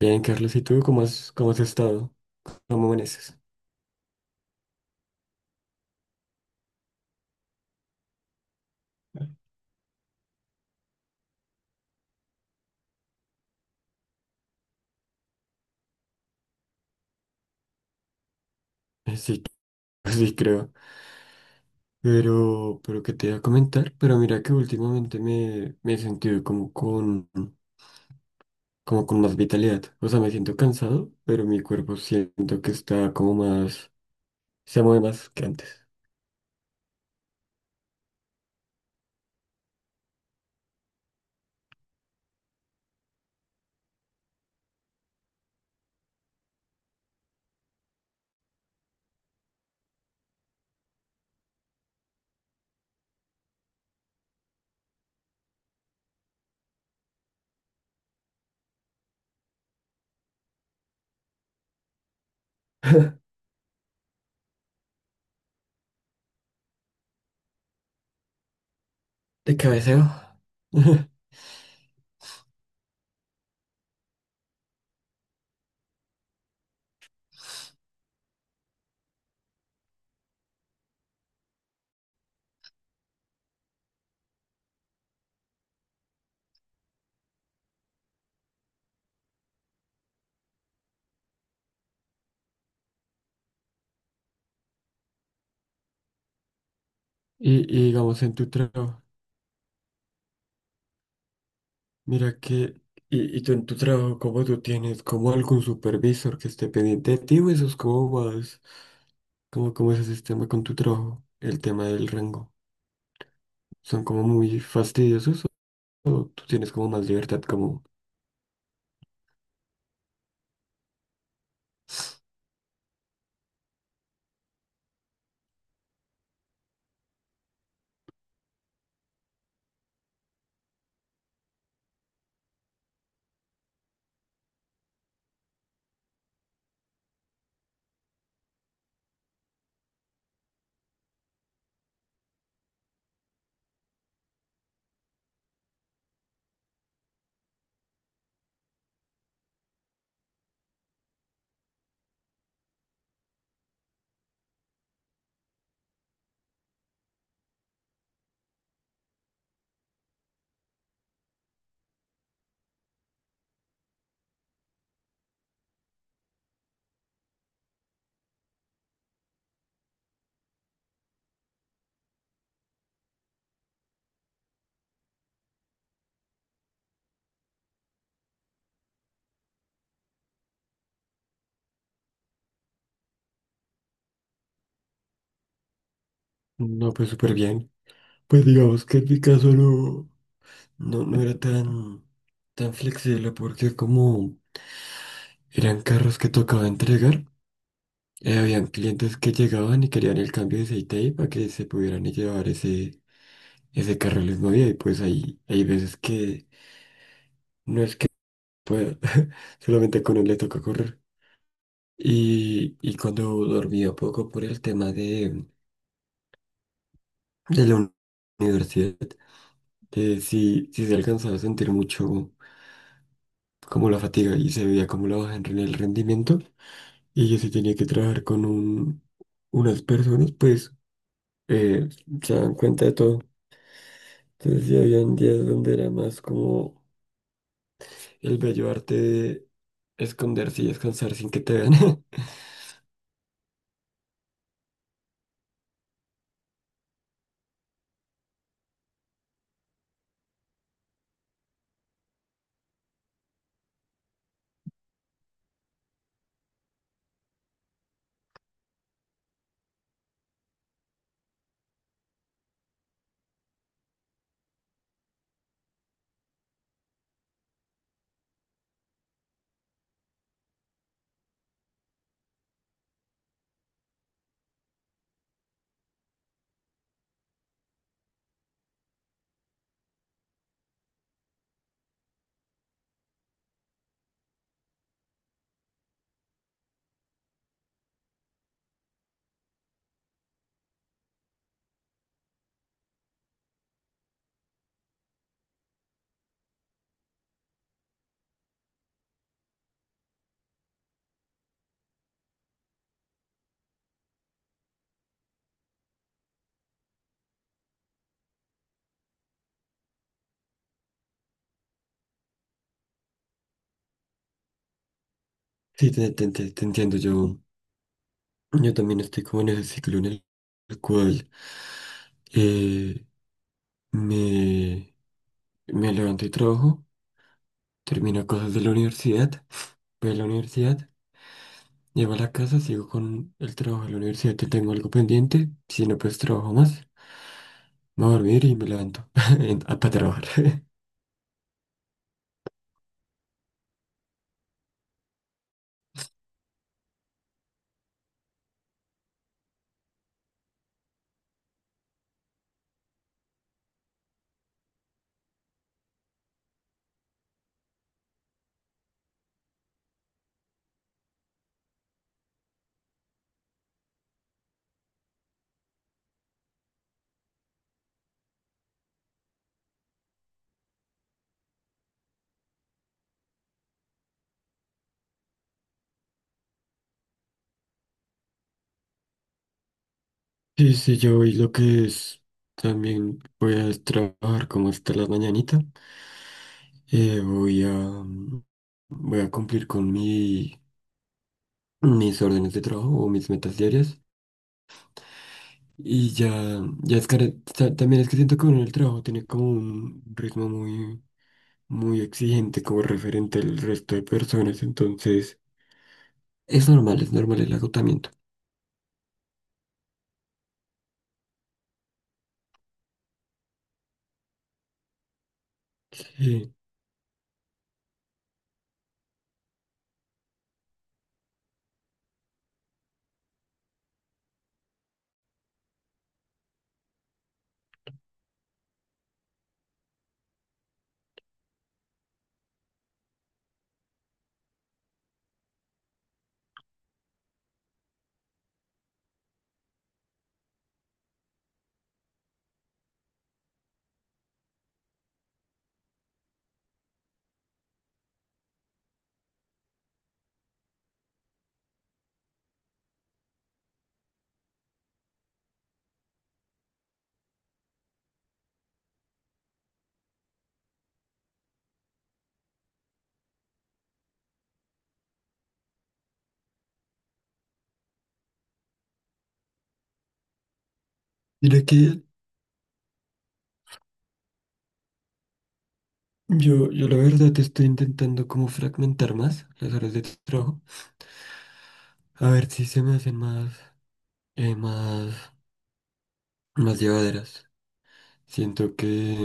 Bien, Carlos, ¿y tú cómo has estado? ¿Cómo amaneces? Sí, sí creo. Pero qué te iba a comentar, pero mira que últimamente me he sentido como con más vitalidad. O sea, me siento cansado, pero mi cuerpo siento que está como más, se mueve más que antes. De cabeceo. Y digamos en tu trabajo, mira que, y tú en tu trabajo, ¿cómo tú tienes como algún supervisor que esté pendiente de ti o eso es como más? ¿Cómo, cómo es ese sistema con tu trabajo? El tema del rango. ¿Son como muy fastidiosos o tú tienes como más libertad? Como, no, pues súper bien. Pues digamos que en mi caso no, era tan, tan flexible porque como eran carros que tocaba entregar, habían clientes que llegaban y querían el cambio de aceite ahí para que se pudieran llevar ese, ese carro el mismo día y pues ahí hay veces que no es que pueda, solamente con él le toca correr. Y cuando dormía poco por el tema de la universidad, sí, sí se alcanzaba a sentir mucho como la fatiga y se veía como la baja en el rendimiento. Y yo sí tenía que trabajar con unas personas, pues eh, se dan cuenta de todo. Entonces sí habían días donde era más como el bello arte de esconderse y descansar sin que te vean. Sí, te, te entiendo, yo también estoy como en ese ciclo en el cual... eh, me, me levanto y trabajo, termino cosas de la universidad, voy a la universidad, llego a la casa, sigo con el trabajo de la universidad que tengo algo pendiente, si no pues trabajo más, me voy a dormir y me levanto para trabajar. Sí, sí, yo voy lo que es, también voy a trabajar como hasta la mañanita, voy a, voy a cumplir con mi, mis órdenes de trabajo o mis metas diarias. Y ya, ya es que también es que siento que uno en el trabajo tiene como un ritmo muy, muy exigente como referente al resto de personas, entonces es normal el agotamiento. Sí. Mira que yo la verdad estoy intentando como fragmentar más las horas de trabajo, a ver si se me hacen más, eh, más, más llevaderas. Siento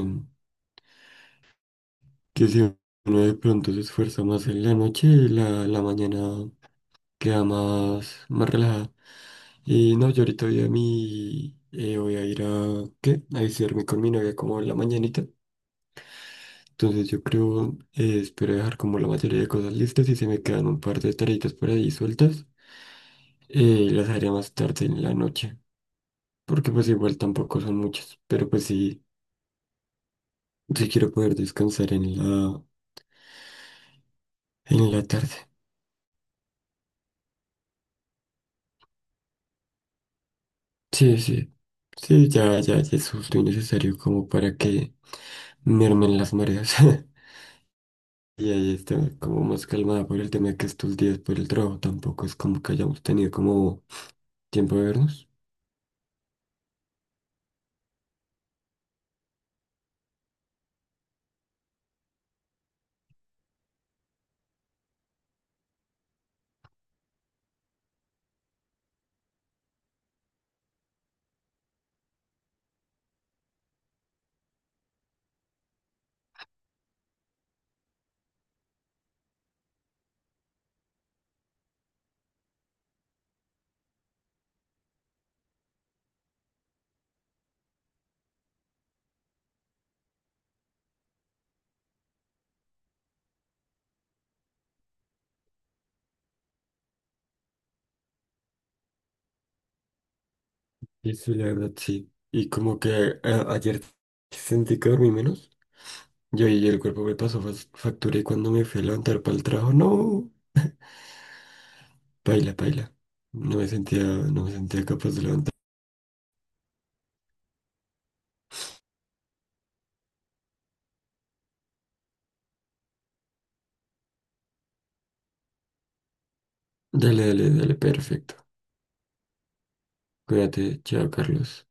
que si uno de pronto se esfuerza más en la noche, la mañana queda más, más relajada. Y no, yo ahorita voy a mi... voy a ir a... ¿Qué? A visitarme con mi novia como en la mañanita. Entonces yo creo, espero dejar como la mayoría de cosas listas y se me quedan un par de tareitas por ahí sueltas. Y las haré más tarde en la noche. Porque pues igual tampoco son muchas. Pero pues sí, sí quiero poder descansar en la tarde. Sí, sí. Sí, ya, ya, ya es justo y necesario como para que mermen las mareas. Y ahí está como más calmada por el tema de que estos días por el trabajo tampoco es como que hayamos tenido como tiempo de vernos. Y sí, la verdad sí. Y como que ayer sentí que dormí menos. Yo y el cuerpo me pasó factura y cuando me fui a levantar para el trabajo, no, paila, paila. No me sentía, no me sentía capaz de levantar. Dale, dale, dale, perfecto. Cuídate, chao, Carlos.